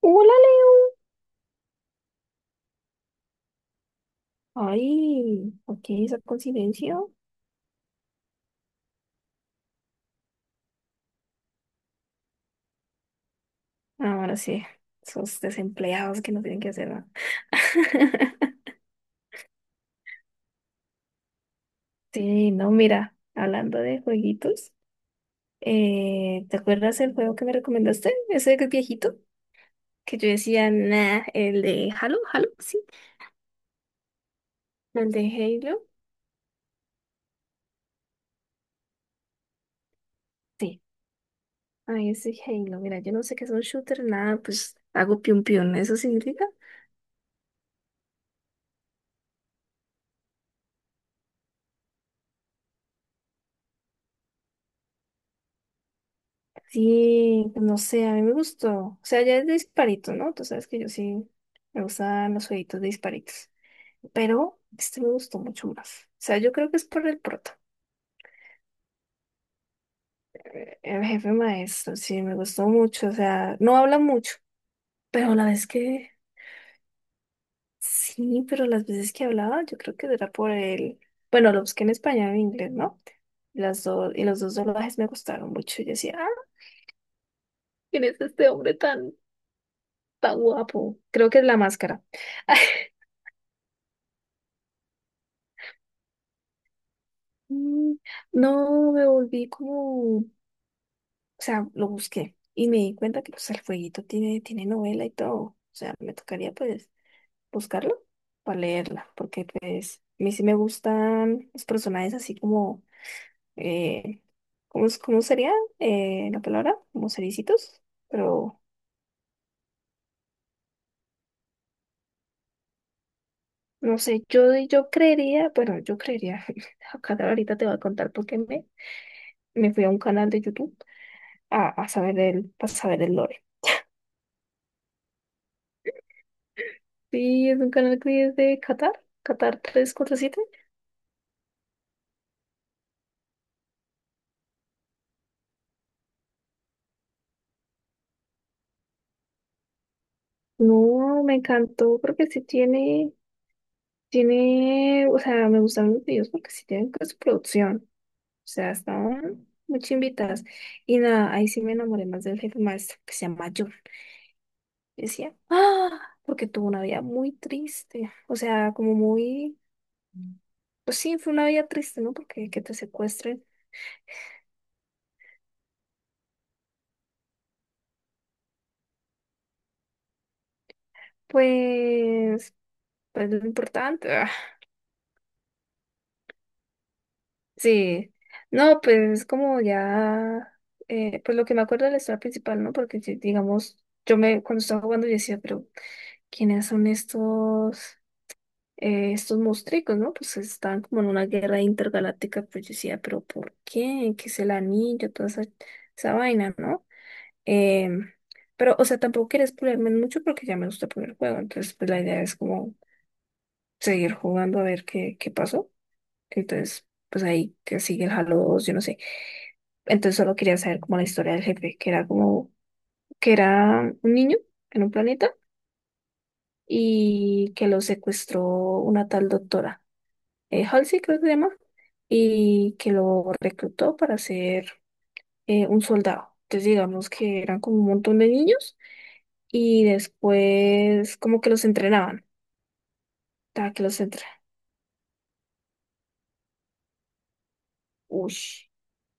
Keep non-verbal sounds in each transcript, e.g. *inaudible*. Hola, Leo. Ay, ok, esa coincidencia. Ah, ahora sí, esos desempleados que no tienen que hacer nada. *laughs* Sí, no, mira, hablando de jueguitos, ¿te acuerdas el juego que me recomendaste? Ese que es viejito, que yo decía, nah, el de Halo, Halo, sí, el de Halo. Sí, ay, ese Halo, mira, yo no sé qué es un shooter, nada, pues hago piun piun, ¿eso sí? Sí, pues, no sé, a mí me gustó. O sea, ya es de disparito, ¿no? Tú sabes que yo sí me gustan los jueguitos de disparitos. Pero este me gustó mucho más. O sea, yo creo que es por el prota. El jefe maestro, sí, me gustó mucho. O sea, no habla mucho, pero la vez que... Sí, pero las veces que hablaba, yo creo que era por el... Bueno, lo busqué en español e inglés, ¿no? Las dos, y los dos doblajes me gustaron mucho. Yo decía, ah, ¿quién es este hombre tan, tan guapo? Creo que es la máscara. *laughs* Mm, no, me volví como, o sea, lo busqué y me di cuenta que pues el fueguito tiene, novela y todo. O sea, me tocaría pues buscarlo para leerla, porque pues a mí sí me gustan los personajes así como, eh, ¿cómo, cómo sería la palabra? Como cericitos, pero no sé, yo creería, bueno, yo creería, *laughs* acá ahorita te voy a contar porque me fui a un canal de YouTube a saber para saber el lore. Sí, es un canal que es de Qatar, Qatar 347. No, me encantó porque sí tiene, o sea, me gustan los videos porque sí tienen con su producción. O sea, estaban muy chimbitas. Y nada, ahí sí me enamoré más del jefe maestro que se llama John. Y decía, ah, porque tuvo una vida muy triste. O sea, como muy, pues sí, fue una vida triste, ¿no? Porque que te secuestren, pues, pues lo importante. *laughs* Sí, no, pues es como ya, pues lo que me acuerdo de la historia principal, ¿no? Porque digamos, cuando estaba jugando yo decía, pero ¿quiénes son estos, estos monstruos, ¿no? Pues estaban como en una guerra intergaláctica, pues yo decía, pero ¿por qué? ¿Qué es el anillo? Toda esa vaina, ¿no? Em, pero, o sea, tampoco quería explorarme mucho porque ya me gusta poner el juego, entonces pues la idea es como seguir jugando a ver qué, pasó. Entonces, pues ahí que sigue el Halo 2 yo no sé. Entonces solo quería saber como la historia del jefe, que era como, que era un niño en un planeta y que lo secuestró una tal doctora, Halsey creo que se llama, y que lo reclutó para ser un soldado. Entonces digamos que eran como un montón de niños y después como que los entrenaban, que los entrenaban.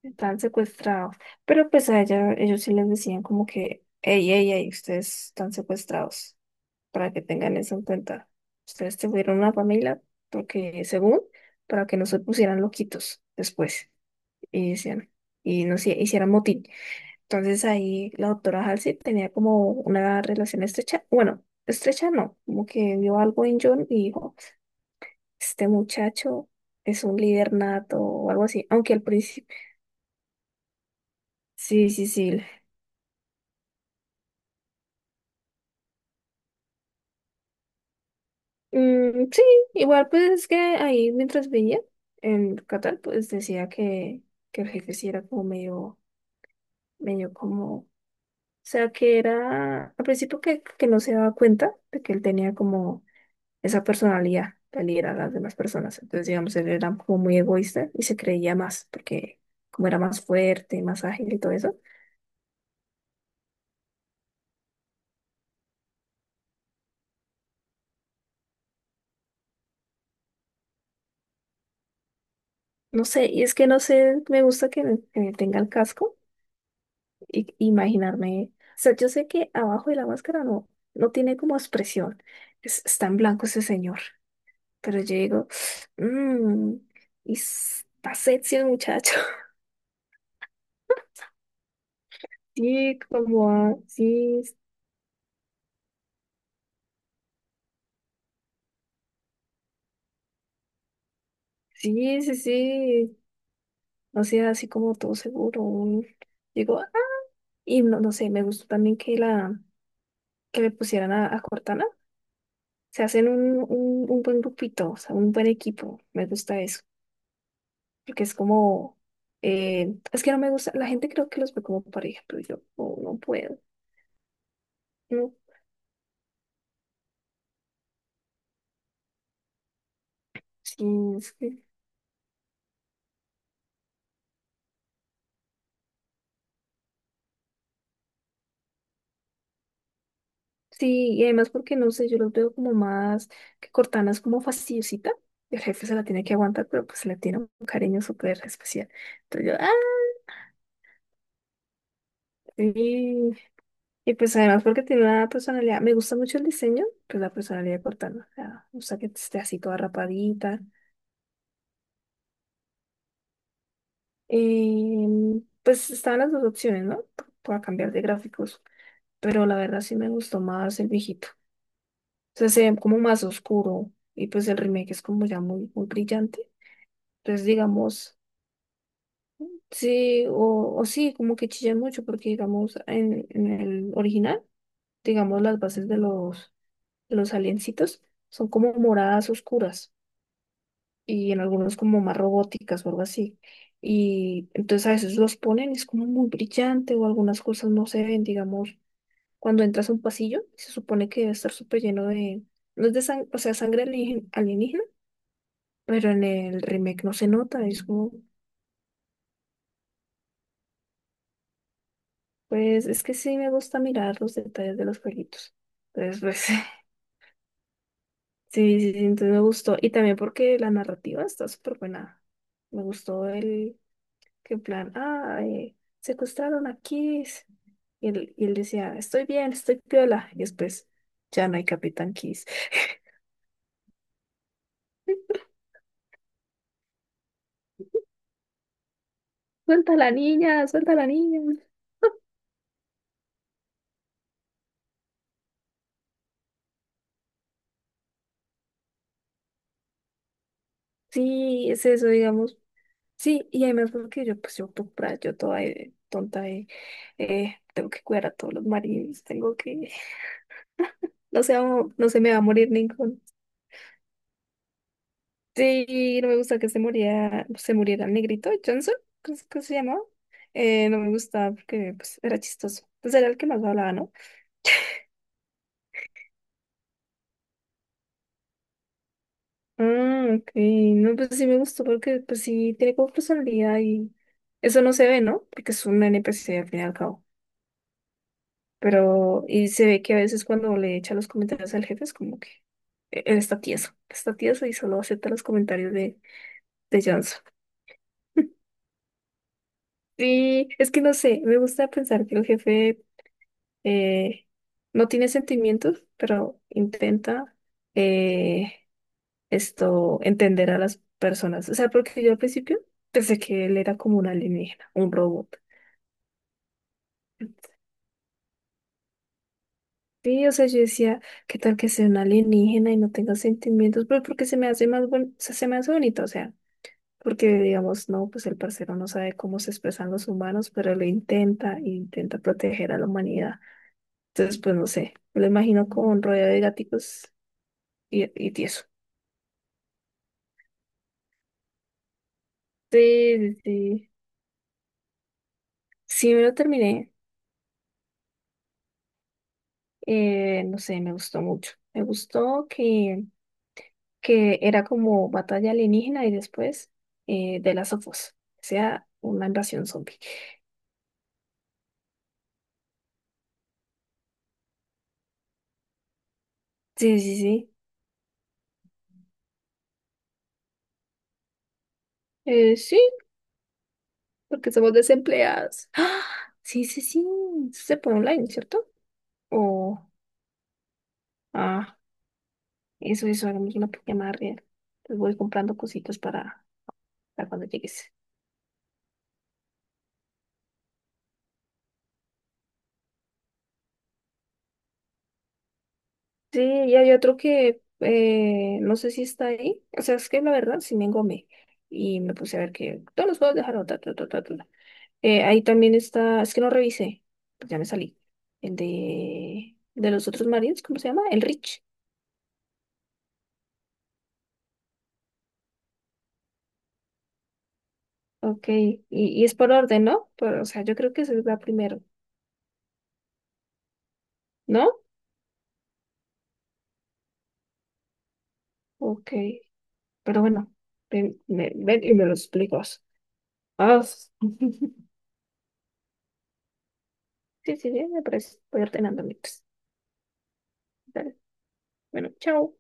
Estaban secuestrados. Pero pues a ellos sí les decían como que, hey, hey, hey, ustedes están secuestrados, para que tengan eso en cuenta. Ustedes tuvieron una familia, porque según, para que no se pusieran loquitos después, y decían, y no se hicieran motín. Entonces ahí la doctora Halsey tenía como una relación estrecha, bueno, estrecha no, como que vio algo en John y dijo, este muchacho es un líder nato o algo así, aunque al principio, sí, sí, sí. Mm, sí, igual pues es que ahí mientras veía en Qatar pues decía que, el jefe sí era como medio, como, o sea que era al principio que, no se daba cuenta de que él tenía como esa personalidad de liderar a las demás personas, entonces digamos él era como muy egoísta y se creía más porque como era más fuerte, más ágil y todo eso, no sé, y es que no sé, me gusta que, tenga el casco imaginarme. O sea, yo sé que abajo de la máscara no, no tiene como expresión. Está en blanco ese señor. Pero yo digo, mmm, y está sexy el muchacho. *laughs* Sí, como, sí, sí, sí, sí. O sea, así como todo seguro. Digo, "Ah". Y no, no sé, me gustó también que que le pusieran a Cortana. Se hacen un, buen grupito, o sea, un buen equipo. Me gusta eso. Porque es como, es que no me gusta, la gente creo que los ve como pareja, pero yo oh, no puedo, no, sí, es sí, y además porque no sé, yo los veo como más, que Cortana es como fastidiosita, y el jefe se la tiene que aguantar, pero pues se le tiene un cariño súper especial, entonces yo, ah, sí, y pues además porque tiene una personalidad, me gusta mucho el diseño, pues la personalidad de Cortana, o sea, me gusta que esté así toda rapadita. Pues estaban las dos opciones, ¿no? Para cambiar de gráficos. Pero la verdad sí me gustó más el viejito. O sea, se ve como más oscuro y pues el remake es como ya muy, muy brillante. Entonces, digamos, sí, o sí, como que chillan mucho porque, digamos, en, el original, digamos, las bases de los aliencitos son como moradas oscuras y en algunos como más robóticas o algo así. Y entonces a veces los ponen, y es como muy brillante o algunas cosas no se ven, digamos. Cuando entras a un pasillo, se supone que debe estar súper lleno de, no es de sangre, o sea, sangre alienígena, pero en el remake no se nota, es como, pues es que sí me gusta mirar los detalles de los jueguitos. Entonces, pues *laughs* sí, sí, sí, entonces me gustó. Y también porque la narrativa está súper buena. Me gustó el que en plan, ah, secuestraron a Kiss. Y él, decía, estoy bien, estoy piola. Y después, ya no hay Capitán Kiss. *laughs* Suelta a la niña, suelta a la niña. Sí, es eso, digamos. Sí, y además porque yo, pues yo, por ahí, yo toda tonta, tengo que cuidar a todos los maridos, tengo que, *laughs* no se no se me va a morir ningún. Sí, no me gusta que se muriera el negrito Johnson, ¿cómo cómo se llamaba? No me gustaba porque, pues, era chistoso. Pues era el que más hablaba, ¿no? *laughs* Ah, ok, no, pues sí me gustó porque, pues sí, tiene como personalidad y eso no se ve, ¿no? Porque es un NPC al fin y al cabo. Pero, y se ve que a veces cuando le echa los comentarios al jefe es como que él está tieso y solo acepta los comentarios de, Johnson. *laughs* Y es que no sé, me gusta pensar que el jefe eh, no tiene sentimientos, pero intenta eh, esto, entender a las personas. O sea, porque yo al principio pensé que él era como un alienígena, un robot. Sí, o sea, yo decía, ¿qué tal que sea una alienígena y no tenga sentimientos? Pues porque se me hace más se me hace bonito, o sea, porque digamos, no, pues el parcero no sabe cómo se expresan los humanos, pero lo intenta e intenta proteger a la humanidad. Entonces, pues no sé, me lo imagino como un rodeo de gaticos y tieso. Sí, sí, sí. Sí, me lo terminé. No sé, me gustó mucho. Me gustó que, era como batalla alienígena y después de las Us. O sea, una invasión zombie. Sí, sí, sí. Sí, porque somos desempleadas. ¡Ah! Sí, sí, sí. Eso se puede online, ¿cierto? O, ah, eso, hagamos una llamada real. Pues voy comprando cositas para, cuando llegues. Sí, y hay otro que no sé si está ahí. O sea, es que la verdad sí me engomé. Y me puse a ver que todos los juegos dejaron. Ta, ta, ta, ta, ta. Ahí también está, es que no revisé, pues ya me salí. El de, los otros marines, ¿cómo se llama? El Rich. Ok, y es por orden, ¿no? Pero, o sea, yo creo que se va primero, ¿no? Ok, pero bueno, ven, ven y me lo explicas. Ah, *laughs* sí, sí, sí, me parece. Voy ordenando mientras. Dale. Bueno, chao.